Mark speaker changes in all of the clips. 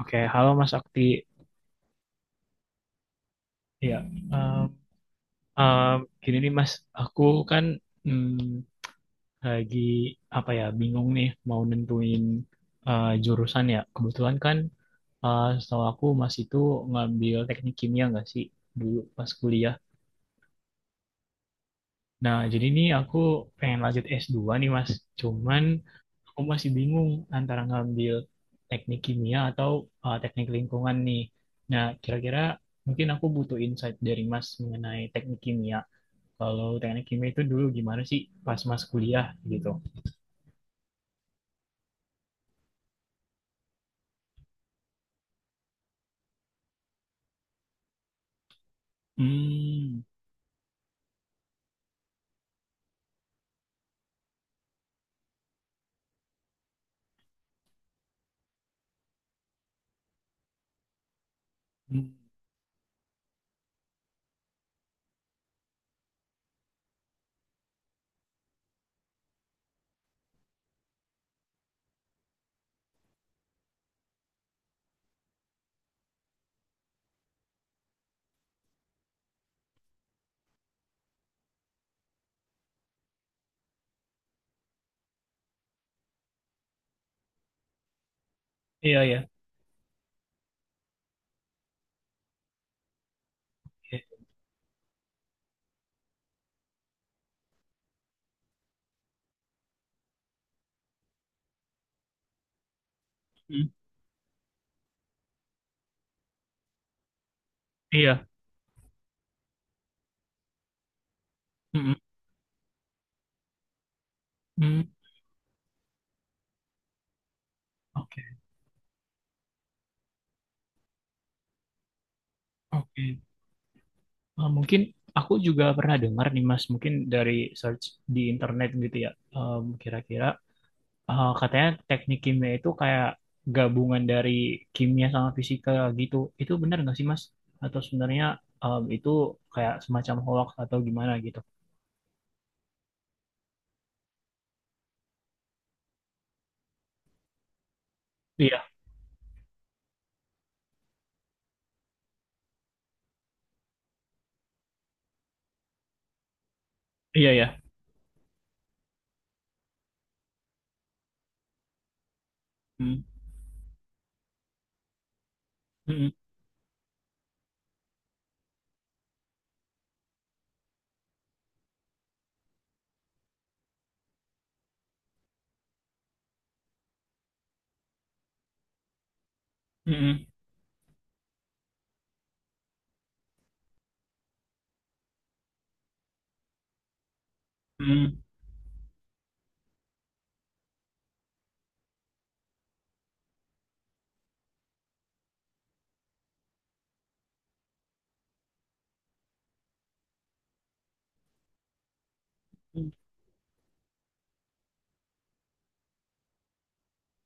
Speaker 1: Oke, halo Mas Akti. Ya, em, em, gini nih Mas, aku kan mm, lagi apa ya bingung nih mau nentuin jurusan ya. Kebetulan kan setahu aku Mas itu ngambil teknik kimia nggak sih dulu pas kuliah. Nah, jadi nih aku pengen lanjut S2 nih Mas. Cuman aku masih bingung antara ngambil teknik kimia atau teknik lingkungan nih. Nah, kira-kira mungkin aku butuh insight dari Mas mengenai teknik kimia. Kalau teknik kimia itu dulu gimana sih pas mas kuliah gitu? Hmm. Hmm. Iya, ya. Iya. Hmm. Iya. Hmm. Hmm. Hmm. Oke, oke. Ah, mungkin aku juga pernah dengar nih, Mas, mungkin dari search di internet gitu ya. Kira-kira ah, katanya teknik kimia itu kayak gabungan dari kimia sama fisika gitu. Itu benar nggak sih, Mas? Atau sebenarnya itu kayak semacam hoax atau gimana gitu? Iya, iya, ya. Hmm. Hmm. Hmm. Hmm. Hmm.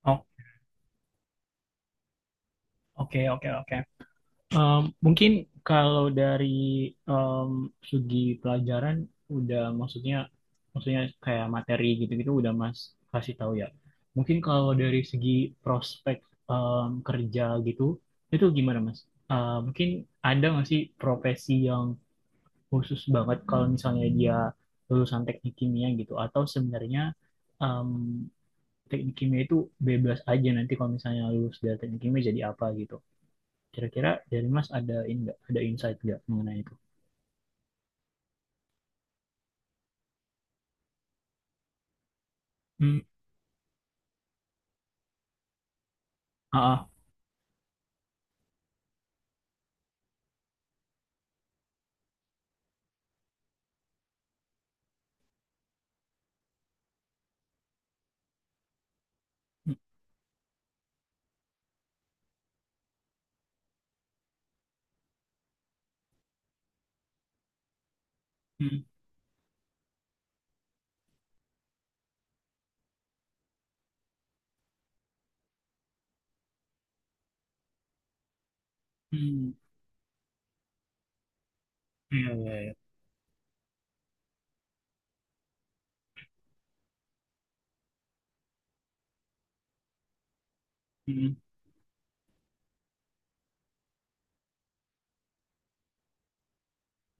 Speaker 1: Oh, oke, oke, oke. Mungkin kalau dari em, segi pelajaran udah maksudnya maksudnya kayak materi gitu-gitu udah Mas kasih tahu ya. Mungkin kalau dari segi prospek kerja gitu itu gimana Mas? Mungkin ada nggak sih profesi yang khusus banget kalau misalnya dia lulusan teknik kimia gitu atau sebenarnya em, teknik kimia itu bebas aja nanti kalau misalnya lulus dari teknik kimia jadi apa gitu? Kira-kira dari Mas ada ini nggak? Ada insight nggak mengenai itu? Hmm, ah, ah. Hmm, hmm, hmm. Iya, iya, iya. Hmm,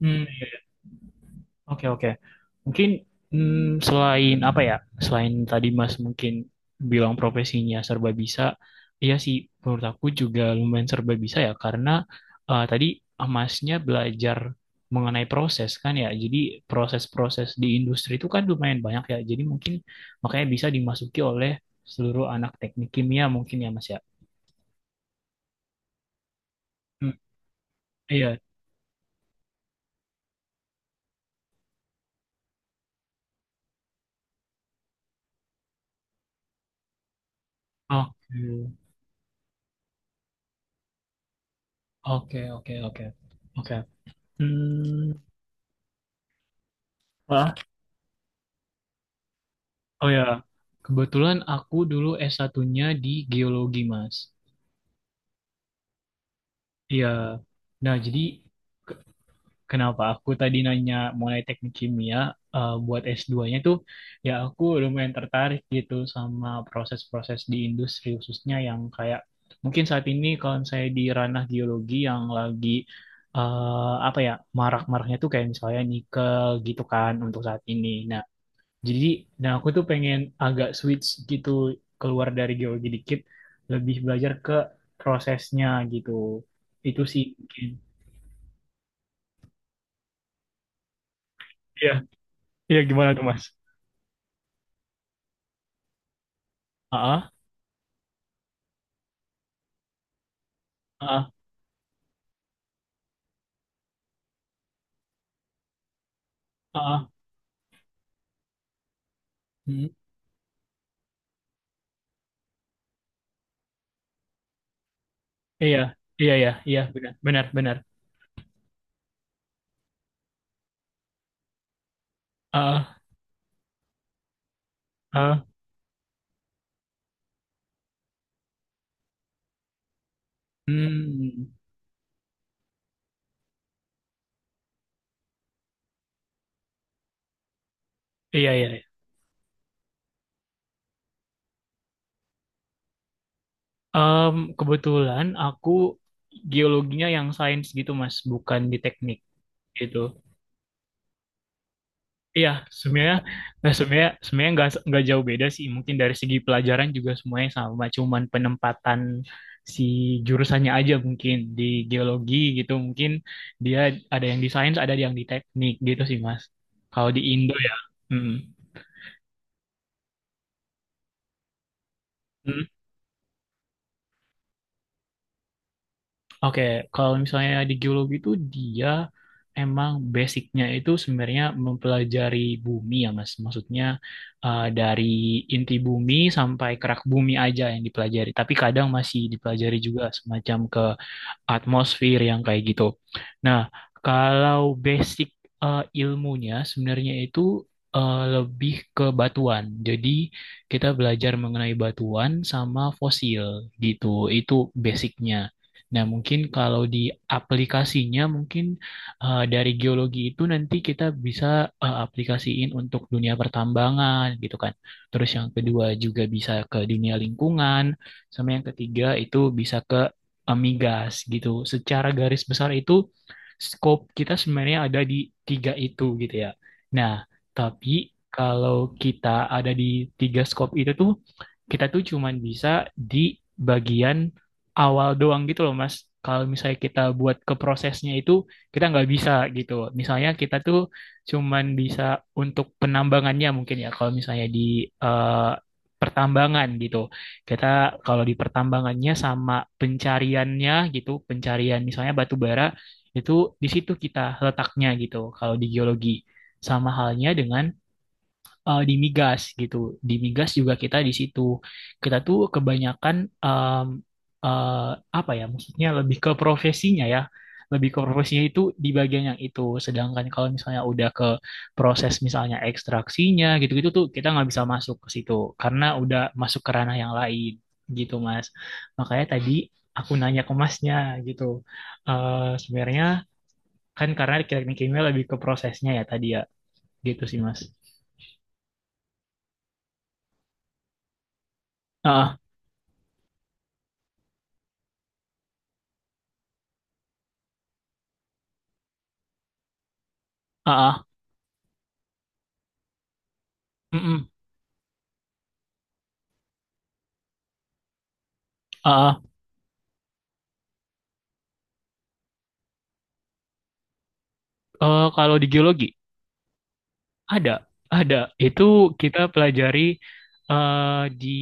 Speaker 1: hmm, iya. Oke, oke. Mungkin selain apa ya? Selain tadi Mas mungkin bilang profesinya serba bisa, iya sih menurut aku juga lumayan serba bisa ya karena tadi Masnya belajar mengenai proses kan ya. Jadi proses-proses di industri itu kan lumayan banyak ya. Jadi mungkin makanya bisa dimasuki oleh seluruh anak teknik kimia mungkin ya Mas ya. Hmm, iya. Oke. Oke, oke, oke. Oke. Hmm. Oh ya, kebetulan aku dulu S1-nya di geologi, Mas. Iya. Nah, jadi ke- kenapa aku tadi nanya mulai teknik kimia buat S2-nya tuh ya aku lumayan tertarik gitu sama proses-proses di industri khususnya yang kayak mungkin saat ini kalau saya di ranah geologi yang lagi apa ya marak-maraknya tuh kayak misalnya nikel gitu kan untuk saat ini. Nah, Jadi, nah aku tuh pengen agak switch gitu keluar dari geologi dikit, lebih belajar ke prosesnya gitu. Itu sih mungkin. Iya, iya gimana tuh Mas? Ah, ah, ah, hmm, iya, iya, iya, iya, benar, benar, benar. Ah, ah, hmm, iya, iya. Iya. Kebetulan aku geologinya yang sains gitu Mas, bukan di teknik gitu. Iya, sebenarnya nah sebenarnya sebenarnya nggak jauh beda sih. Mungkin dari segi pelajaran juga semuanya sama, cuman penempatan si jurusannya aja mungkin di geologi gitu mungkin dia ada yang di sains, ada yang di teknik gitu sih, Mas. Kalau di Indo ya. Mm. Oke, kalau misalnya di geologi itu dia emang basicnya itu sebenarnya mempelajari bumi ya Mas. Maksudnya dari inti bumi sampai kerak bumi aja yang dipelajari. Tapi kadang masih dipelajari juga semacam ke atmosfer yang kayak gitu. Nah, kalau basic ilmunya sebenarnya itu lebih ke batuan. Jadi kita belajar mengenai batuan sama fosil gitu. Itu basicnya. Nah, mungkin kalau di aplikasinya mungkin dari geologi itu nanti kita bisa aplikasiin untuk dunia pertambangan gitu kan. Terus yang kedua juga bisa ke dunia lingkungan, sama yang ketiga itu bisa ke Amigas gitu. Secara garis besar itu scope kita sebenarnya ada di tiga itu gitu ya. Nah, tapi kalau kita ada di tiga scope itu tuh kita tuh cuman bisa di bagian awal doang gitu loh Mas. Kalau misalnya kita buat ke prosesnya itu kita nggak bisa gitu. Misalnya kita tuh cuman bisa untuk penambangannya mungkin ya kalau misalnya di eh, pertambangan gitu. Kita kalau di pertambangannya sama pencariannya gitu, pencarian misalnya batu bara itu di situ kita letaknya gitu kalau di geologi. Sama halnya dengan di migas gitu. Di migas juga kita di situ. Kita tuh kebanyakan em, eh, apa ya maksudnya lebih ke profesinya ya. Lebih ke profesinya itu di bagian yang itu. Sedangkan kalau misalnya udah ke proses misalnya ekstraksinya gitu-gitu tuh kita nggak bisa masuk ke situ karena udah masuk ke ranah yang lain gitu Mas. Makanya tadi aku nanya ke Masnya gitu. Sebenarnya kan karena teknik kimia lebih ke prosesnya ya tadi ya. Gitu sih Mas. Ah, ah, ah. Mm-mm. Ah, kalau di geologi ada, ada. Itu kita pelajari di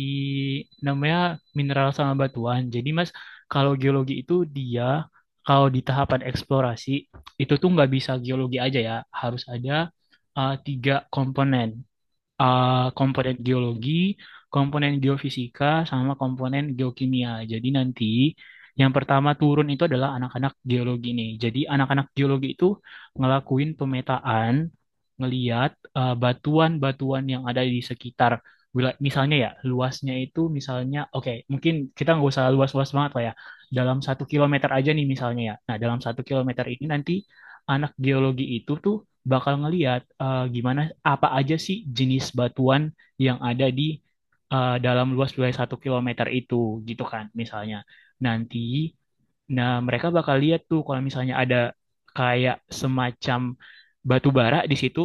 Speaker 1: namanya mineral sama batuan. Jadi Mas, kalau geologi itu dia kalau di tahapan eksplorasi itu tuh nggak bisa geologi aja ya, harus ada tiga komponen. eh, Komponen geologi, komponen geofisika, sama komponen geokimia. Jadi nanti yang pertama turun itu adalah anak-anak geologi nih. Jadi anak-anak geologi itu ngelakuin pemetaan, ngeliat batuan-batuan yang ada di sekitar wilayah. Misalnya ya, luasnya itu misalnya, oke, mungkin kita nggak usah luas-luas banget lah ya. Dalam 1 kilometer aja nih misalnya ya. Nah, dalam 1 kilometer ini nanti anak geologi itu tuh bakal ngelihat gimana apa aja sih jenis batuan yang ada di dalam luas wilayah 1 kilometer itu gitu kan misalnya. Nanti nah mereka bakal lihat tuh kalau misalnya ada kayak semacam batu bara di situ.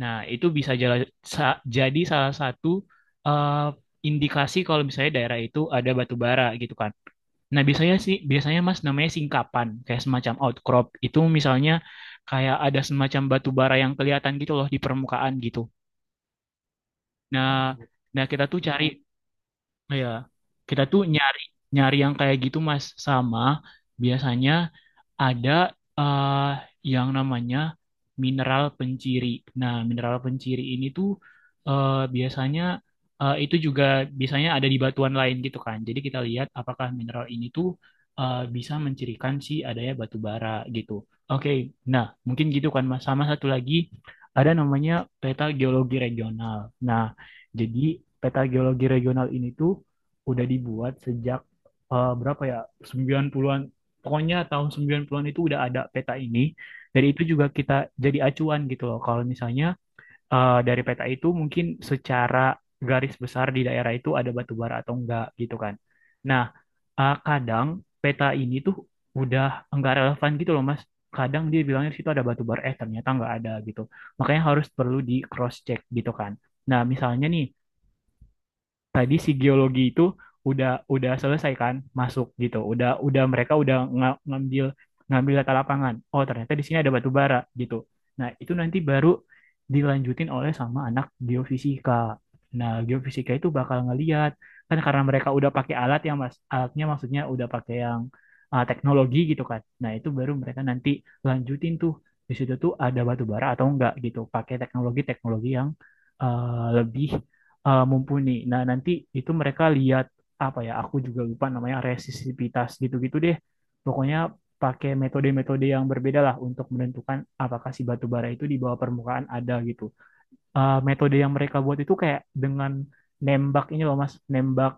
Speaker 1: Nah, itu bisa jadi salah satu eh, indikasi kalau misalnya daerah itu ada batu bara gitu kan. Nah, biasanya sih, biasanya Mas namanya singkapan, kayak semacam outcrop. Itu misalnya kayak ada semacam batu bara yang kelihatan gitu loh di permukaan gitu. Nah, nah kita tuh cari, ya, kita tuh nyari, nyari yang kayak gitu Mas. Sama biasanya ada eh, yang namanya mineral penciri. Nah, mineral penciri ini tuh biasanya itu juga biasanya ada di batuan lain gitu kan. Jadi kita lihat apakah mineral ini tuh bisa mencirikan si adanya batu bara gitu. Oke, nah mungkin gitu kan Mas. Sama satu lagi ada namanya peta geologi regional. Nah, jadi peta geologi regional ini tuh udah dibuat sejak berapa ya? 90-an. Pokoknya tahun 90-an itu udah ada peta ini. Dari itu juga kita jadi acuan gitu loh. Kalau misalnya dari peta itu mungkin secara garis besar di daerah itu ada batu bara atau enggak gitu kan. Nah, kadang peta ini tuh udah enggak relevan gitu loh Mas. Kadang dia bilangnya di situ ada batu bara, eh ternyata enggak ada gitu. Makanya harus perlu di cross check gitu kan. Nah, misalnya nih tadi si geologi itu udah selesai kan masuk gitu udah mereka udah ngambil ngambil data lapangan oh ternyata di sini ada batu bara gitu. Nah itu nanti baru dilanjutin oleh sama anak geofisika. Nah geofisika itu bakal ngeliat kan karena mereka udah pakai alat yang mas alatnya maksudnya udah pakai yang teknologi gitu kan. Nah itu baru mereka nanti lanjutin tuh di situ tuh ada batu bara atau enggak gitu pakai teknologi-teknologi yang lebih mumpuni. Nah, nanti itu mereka lihat apa ya? Aku juga lupa namanya resistivitas gitu-gitu deh. Pokoknya pakai metode-metode yang berbeda lah untuk menentukan apakah si batu bara itu di bawah permukaan ada gitu. Metode yang mereka buat itu kayak dengan nembak ini loh Mas, nembak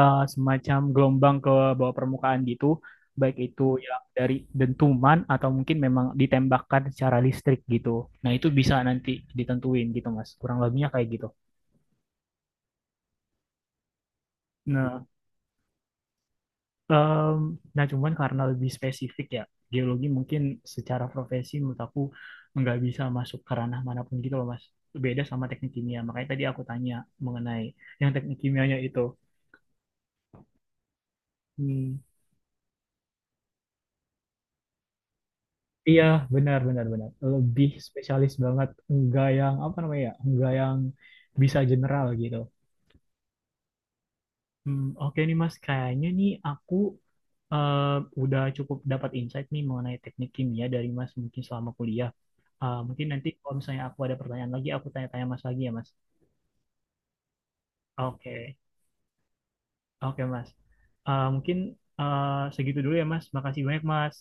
Speaker 1: semacam gelombang ke bawah permukaan gitu, baik itu yang dari dentuman atau mungkin memang ditembakkan secara listrik gitu. Nah, itu bisa nanti ditentuin gitu Mas, kurang lebihnya kayak gitu. Nah, Em, nah, cuman karena lebih spesifik ya, geologi mungkin secara profesi menurut aku nggak bisa masuk ke ranah manapun gitu loh, Mas. Beda sama teknik kimia. Makanya tadi aku tanya mengenai yang teknik kimianya itu. Hmm. Iya, benar, benar, benar. Lebih spesialis banget. Nggak yang, apa namanya ya, nggak yang bisa general gitu. Hmm, oke nih, Mas. Kayaknya nih aku eh, udah cukup dapat insight nih mengenai teknik kimia dari Mas mungkin selama kuliah. Mungkin nanti kalau misalnya aku ada pertanyaan lagi, aku tanya-tanya Mas lagi ya Mas. Oke, Oke Mas. Mungkin eh, segitu dulu ya Mas. Makasih banyak Mas.